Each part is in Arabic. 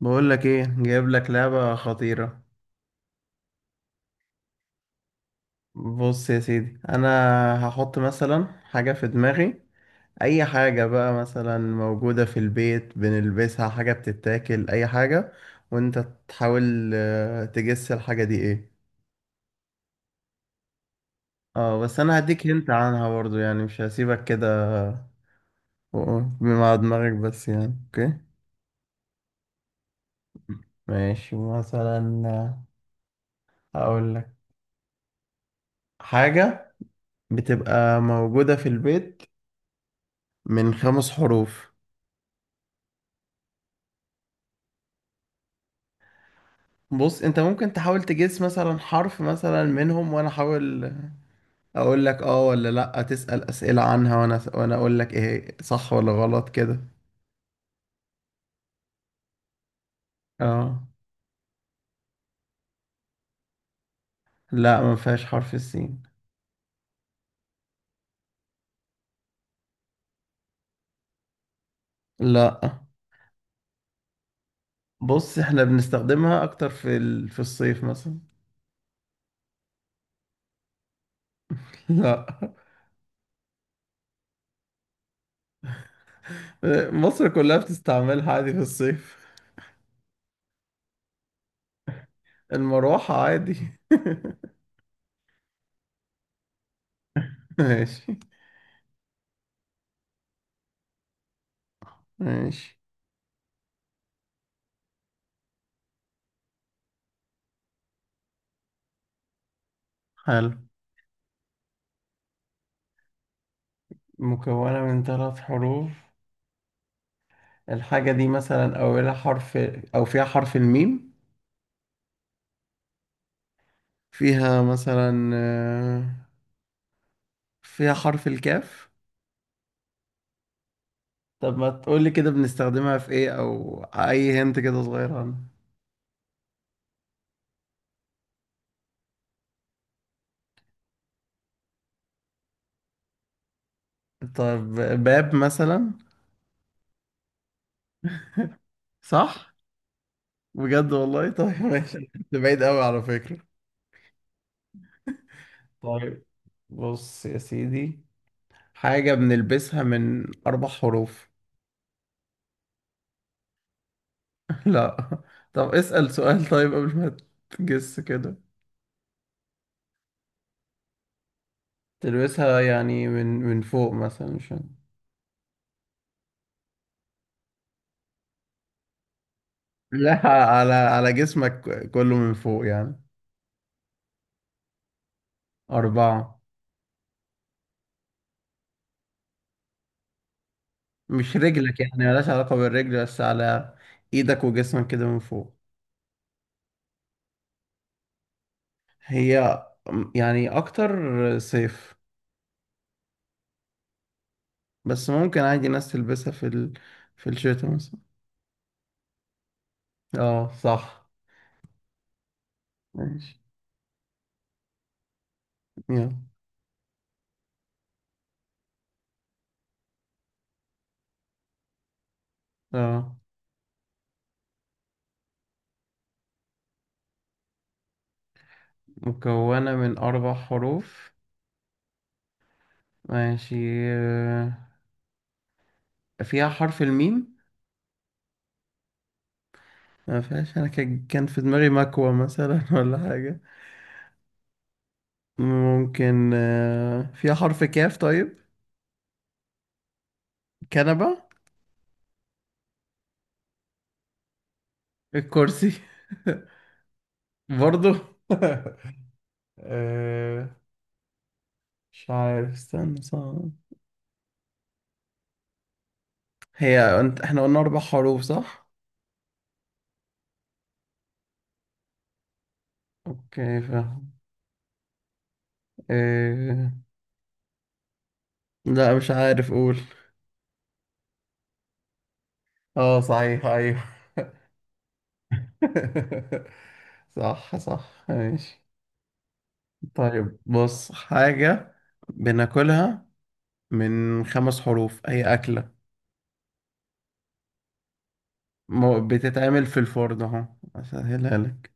بقول لك ايه، جايب لك لعبة خطيرة. بص يا سيدي، انا هحط مثلا حاجة في دماغي، اي حاجة بقى، مثلا موجودة في البيت بنلبسها، حاجة بتتاكل، اي حاجة. وانت تحاول تجس الحاجة دي ايه. اه بس انا هديك هنت عنها برضو، يعني مش هسيبك كده. مع دماغك بس، يعني اوكي؟ ماشي، مثلا هقول لك حاجة بتبقى موجودة في البيت، من خمس حروف. بص، انت ممكن تحاول تجس مثلا حرف مثلا منهم، وانا احاول اقول لك اه ولا لا. تسأل اسئلة عنها وانا اقول لك ايه صح ولا غلط كده. اه. لا، ما فيهاش حرف السين. لا. بص، احنا بنستخدمها اكتر في الصيف مثلا. لا. مصر كلها بتستعملها عادي في الصيف. المروحة عادي. ماشي. ماشي، حلو، مكونة من ثلاث حروف. الحاجة دي مثلا أولها حرف، أو فيها حرف الميم. فيها مثلا فيها حرف الكاف. طب ما تقولي كده، بنستخدمها في إيه، أو أي هنت كده صغير عنها. طب، باب مثلا. صح. بجد والله؟ طيب ماشي، ده بعيد أوي على فكرة. طيب، بص يا سيدي، حاجة بنلبسها من أربع حروف. لا. طب اسأل سؤال طيب قبل ما تجس كده. تلبسها يعني من فوق مثلا، مش عارف. لا، على جسمك كله، من فوق يعني. أربعة. مش رجلك، يعني ملهاش علاقة بالرجل، بس على إيدك وجسمك كده من فوق. هي يعني أكتر صيف، بس ممكن عادي ناس تلبسها في الشتاء مثلا. اه صح. ماشي. يلا. اه. مكونة من أربع حروف، ماشي. آه، فيها حرف الميم. ما فيهاش. أنا كان في دماغي مكوى مثلا ولا حاجة. ممكن فيها حرف كاف طيب. كنبة. الكرسي. برضو. آه، مش عارف، استنى، صعب. هي انت، احنا قلنا اربع حروف صح؟ اوكي فاهم. آه، لا مش عارف، قول. اه صحيح، ايوه. صح صح، ماشي. طيب بص، حاجة بناكلها من خمس حروف، هي أكلة. بتتعمل في الفرن اهو، اسهلها لك.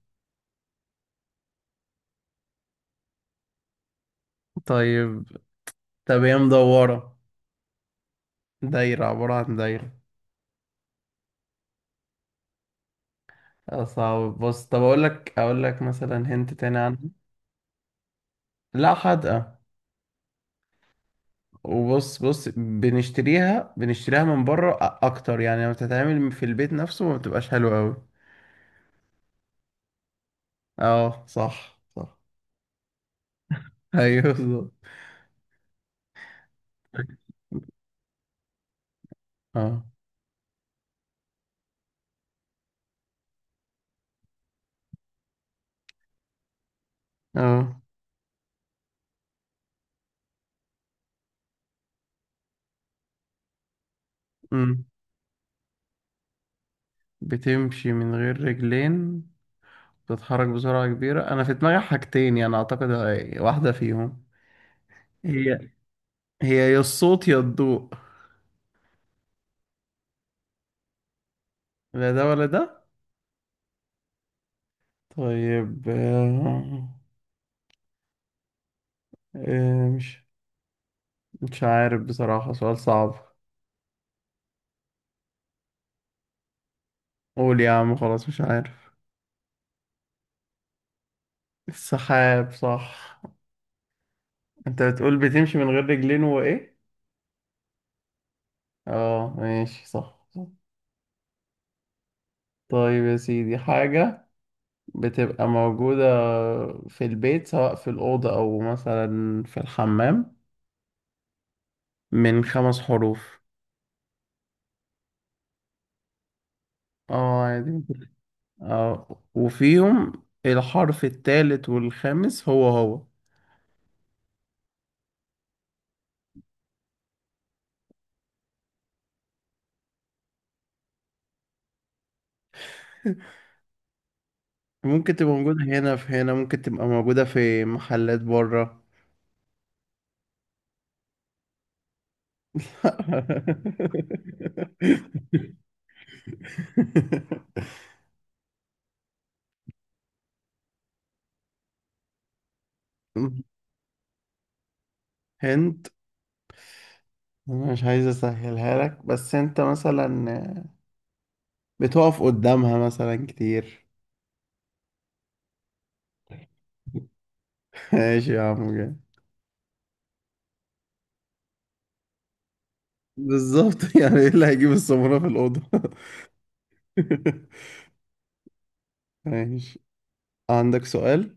طيب. طب هي مدورة، دايرة، عبارة عن دايرة. صعب. بص طب أقول لك مثلا هنت تاني عنها. لا حدقة. وبص بص، بنشتريها من بره أكتر، يعني لما بتتعمل في البيت نفسه ما بتبقاش حلوة أوي. اه صح صح. أيوه بالظبط. اه. اه. أمم. بتمشي من غير رجلين، بتتحرك بسرعة كبيرة، أنا في دماغي حاجتين يعني أعتقد، واحدة فيهم. هي هي يا الصوت يا الضوء. لا ده ولا ده. طيب آه، مش مش عارف بصراحة، سؤال صعب. قول يا عم، خلاص مش عارف. السحاب صح. انت بتقول بتمشي من غير رجلين وايه؟ اه ماشي صح. طيب يا سيدي، حاجة بتبقى موجودة في البيت، سواء في الأوضة أو مثلا في الحمام، من خمس حروف. اه عادي، ممكن. اه، وفيهم الحرف التالت والخامس هو هو. ممكن تبقى موجودة هنا، في هنا، ممكن تبقى موجودة في محلات بره. هنت. أنا مش عايز اسهلها لك، بس انت مثلا بتقف قدامها مثلا كتير. ماشي يا عم، جاي. بالظبط. يعني ايه اللي هيجيب السمرة في الأوضة؟ ماشي. عندك سؤال.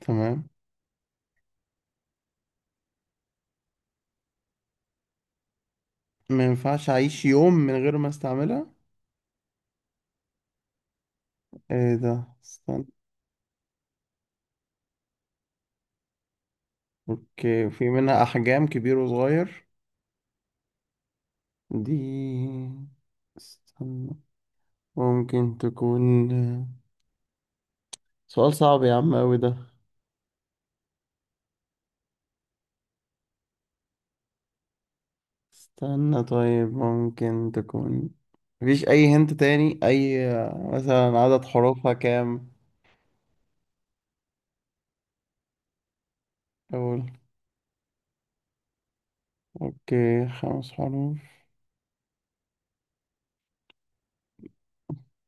تمام. ما ينفعش أعيش يوم من غير ما استعملها؟ ايه ده، استنى. اوكي، في منها احجام كبير وصغير. دي، استنى، ممكن تكون، سؤال صعب يا عم اوي ده. استنى طيب، ممكن تكون، مفيش اي هنت تاني؟ اي مثلا عدد حروفها كام؟ اقول. اوكي خمس حروف.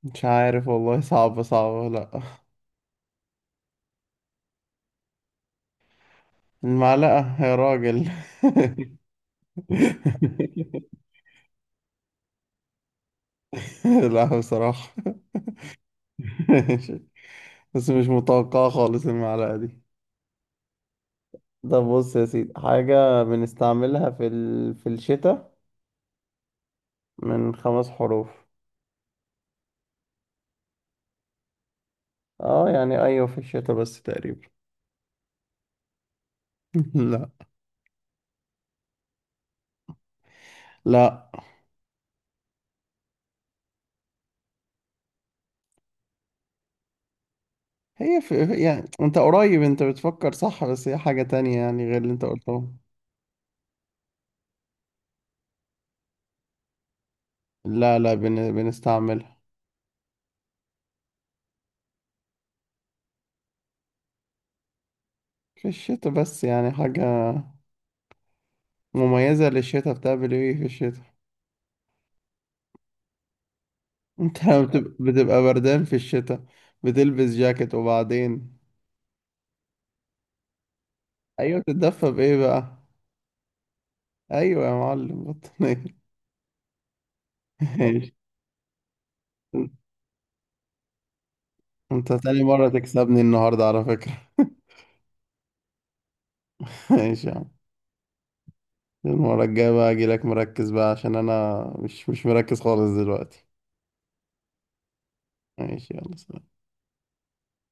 مش عارف والله، صعبة صعبة، لا. المعلقة يا راجل! لا بصراحة. بس مش متوقعة خالص المعلقة دي. طب بص يا سيدي، حاجة بنستعملها في الشتاء، من خمس حروف. اه يعني ايوه، في الشتاء بس تقريبا. لا. لا. يعني انت قريب، انت بتفكر صح، بس هي حاجة تانية يعني غير اللي انت قلته. لا لا، بنستعملها. في الشتاء بس، يعني حاجة مميزة للشتاء، بتعمل ايه في الشتاء؟ انت لما بتبقى بردان في الشتاء بتلبس جاكيت، وبعدين؟ ايوه بتتدفى بايه بقى؟ ايوه يا معلم، بطانية. ماشي. انت تاني مرة تكسبني النهاردة على فكرة. ماشي يا عم. المرة الجاية بقى اجيلك مركز بقى، عشان انا مش مركز خالص دلوقتي. ماشي يلا سلام.